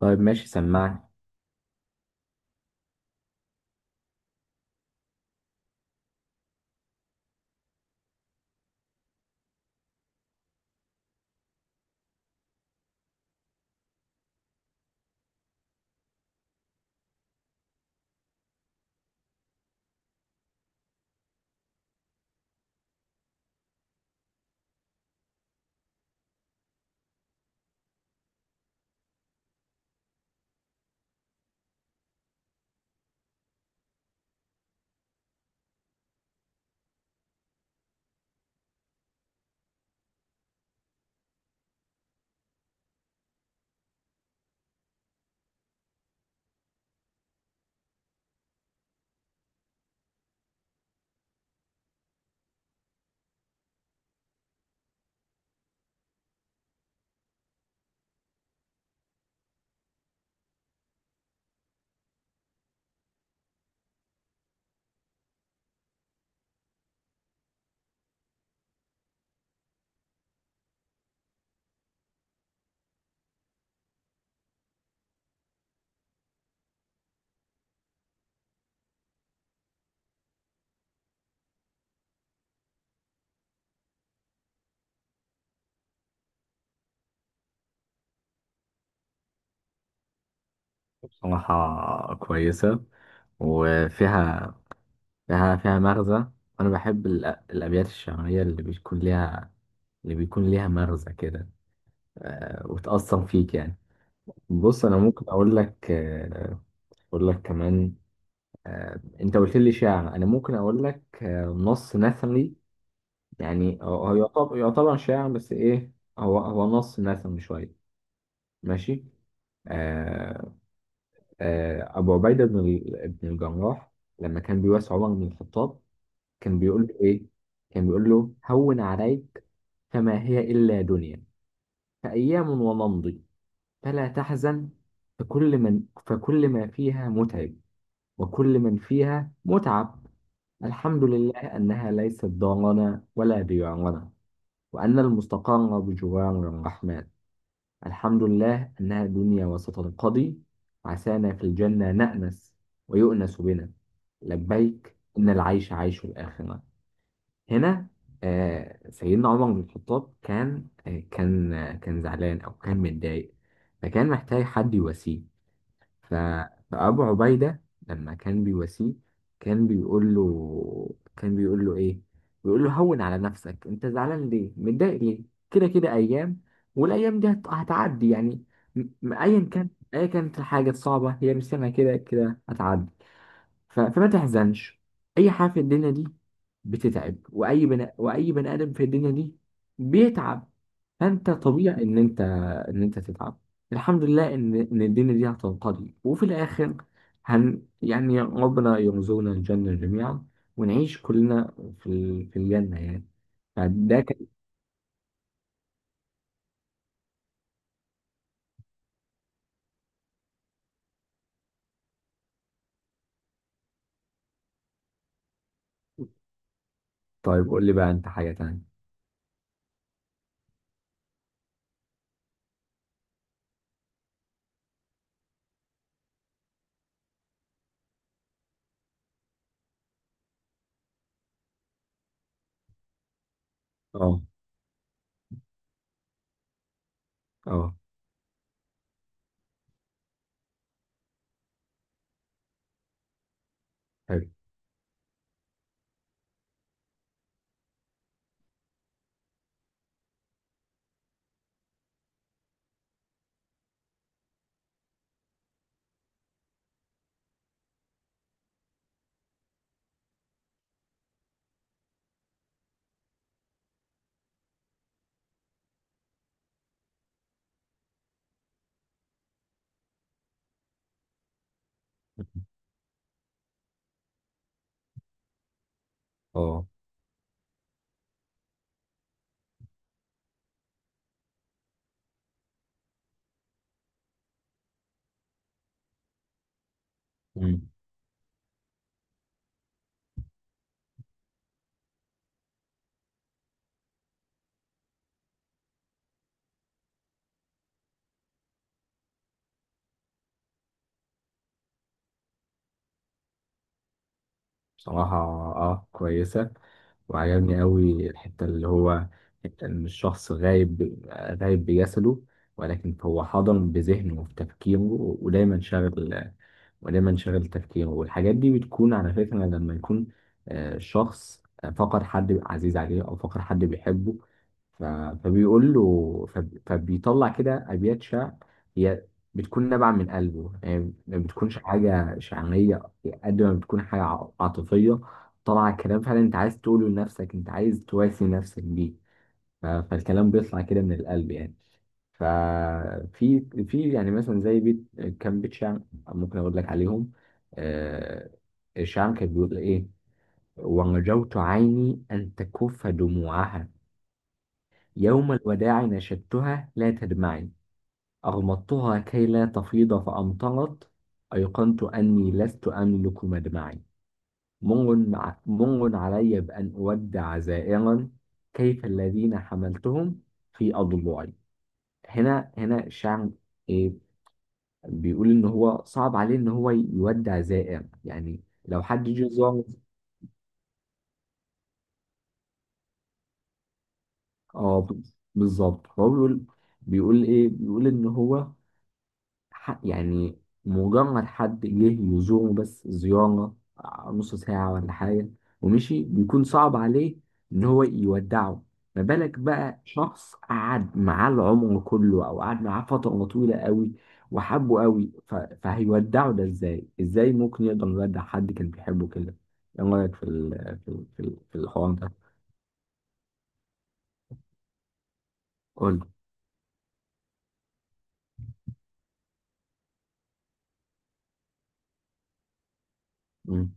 طيب ماشي سمعني. بصراحة كويسة، وفيها فيها مغزى. أنا بحب الأبيات الشعرية اللي بيكون ليها، اللي بيكون ليها مغزى كده، وتأثر فيك يعني. بص أنا ممكن أقول لك، أقول لك كمان. أنت قلت لي شعر، أنا ممكن أقول لك نص نثري. يعني هو يعتبر شعر بس إيه، هو نص نثري شوية. ماشي. آه، أبو عبيدة بن الجراح لما كان بيواسي عمر بن الخطاب كان بيقول له إيه؟ كان بيقول له: هون عليك، فما هي إلا دنيا، فأيام ونمضي، فلا تحزن، فكل ما فيها متعب، وكل من فيها متعب. الحمد لله أنها ليست دارنا ولا ديارنا، وأن المستقر بجوار الرحمن. الحمد لله أنها دنيا وستنقضي، عسانا في الجنة نأنس ويؤنس بنا، لبيك إن العيش عيش الآخرة. هنا سيدنا عمر بن الخطاب كان، كان زعلان أو كان متضايق، فكان محتاج حد يواسيه. ف- فأبو عبيدة لما كان بيواسيه كان بيقول له، كان بيقول له: إيه؟ بيقول له: هون على نفسك، أنت زعلان ليه؟ متضايق ليه؟ كده كده أيام، والأيام دي هتعدي يعني. أيا كان، أيا كانت الحاجة الصعبة، هي مش سامعة، كده كده هتعدي. فما تحزنش. اي حاجه في الدنيا دي بتتعب، واي بني ادم في الدنيا دي بيتعب. فانت طبيعي ان انت، ان انت تتعب. الحمد لله ان الدنيا دي هتنقضي، وفي الاخر هن يعني ربنا يرزقنا الجنه جميعا، ونعيش كلنا في في الجنه يعني. فده كان. طيب قول لي بقى انت حاجه تانية. اه اه حلو اه. بصراحة اه كويسة، وعجبني قوي الحتة اللي هو إن الشخص غايب، غايب بجسده ولكن هو حاضر بذهنه وفي تفكيره. ودايما شاغل، ودايما شاغل تفكيره. والحاجات دي بتكون على فكرة لما يكون شخص، فقد حد عزيز عليه أو فقد حد بيحبه. ف- فبيقول له، فبيطلع كده أبيات شعر. هي بتكون نابعة من قلبه يعني، ما بتكونش حاجة شعرية قد ما بتكون حاجة عاطفية. طلع كلام فعلا انت عايز تقوله لنفسك، انت عايز تواسي نفسك بيه. فالكلام بيطلع كده من القلب يعني. ففي يعني مثلا زي بيت، كام بيت شعر ممكن اقول لك عليهم. آه، الشعر كان بيقول ايه: ورجوت عيني ان تكف دموعها، يوم الوداع نشدتها لا تدمعي، اغمضتها كي لا تفيض فامطرت، ايقنت اني لست املك مدمعي، منغ علي بأن أودع زائرا، كيف الذين حملتهم في أضلوعي. هنا الشاعر إيه، بيقول إن هو صعب عليه إن هو يودع زائر يعني. لو حد جه زار. اه، بالظبط، هو بيقول، بيقول إيه بيقول إن هو، يعني مجرد حد جه يزوره بس زيارة، نص ساعة ولا حاجة، ومشي، بيكون صعب عليه إن هو يودعه. ما بالك بقى شخص قعد معاه العمر كله، أو قعد معاه فترة طويلة قوي وحبه قوي، فهيودعه ده إزاي؟ إزاي ممكن يقدر يودع حد كان بيحبه كده؟ إيه رأيك في في الحوار ده؟ قول لي. مم.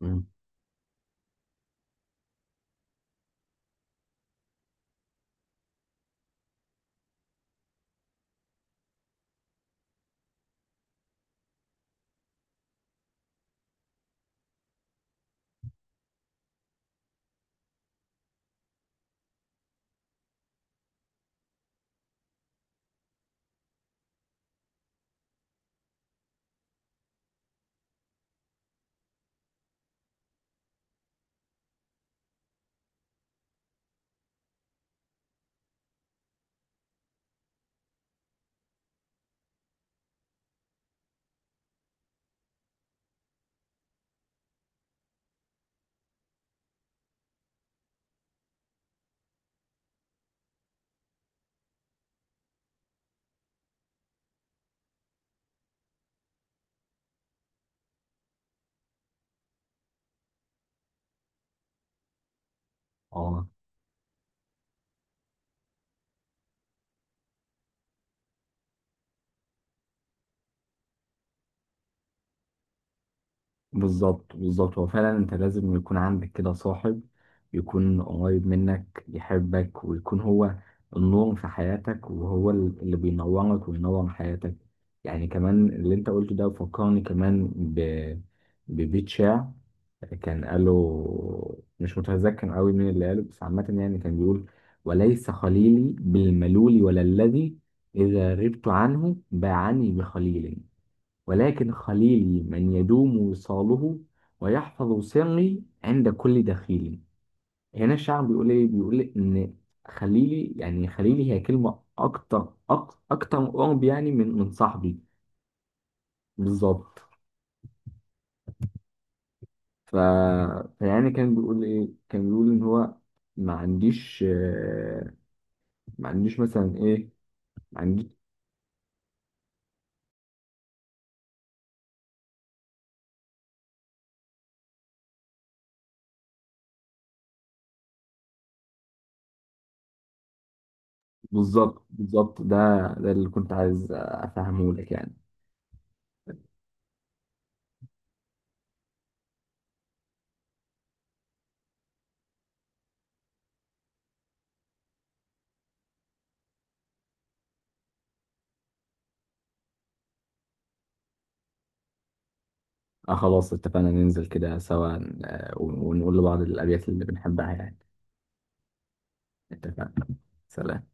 مم. آه، بالظبط بالظبط، هو فعلا انت لازم يكون عندك كده صاحب، يكون قريب منك يحبك، ويكون هو النور في حياتك، وهو اللي بينورك وينور حياتك. يعني كمان اللي انت قلته ده فكرني كمان ببيت شعر، كان قاله مش متذكر قوي مين اللي قاله، بس عامة يعني كان بيقول: وليس خليلي بالملول ولا الذي إذا غبت عنه باعني بخليل، ولكن خليلي من يدوم وصاله ويحفظ سري عند كل دخيل. هنا الشاعر بيقول ايه، بيقول ان خليلي، يعني خليلي هي كلمة اكتر، اكتر قرب يعني من صاحبي. بالظبط. ف... فيعني كان بيقول ايه، كان بيقول ان هو ما عنديش ما عنديش مثلا ايه، ما عنديش. بالظبط بالظبط، ده ده اللي كنت عايز افهمه لك يعني. اه خلاص اتفقنا ننزل كده سوا، ونقول لبعض الأبيات اللي بنحبها يعني. اتفقنا. سلام.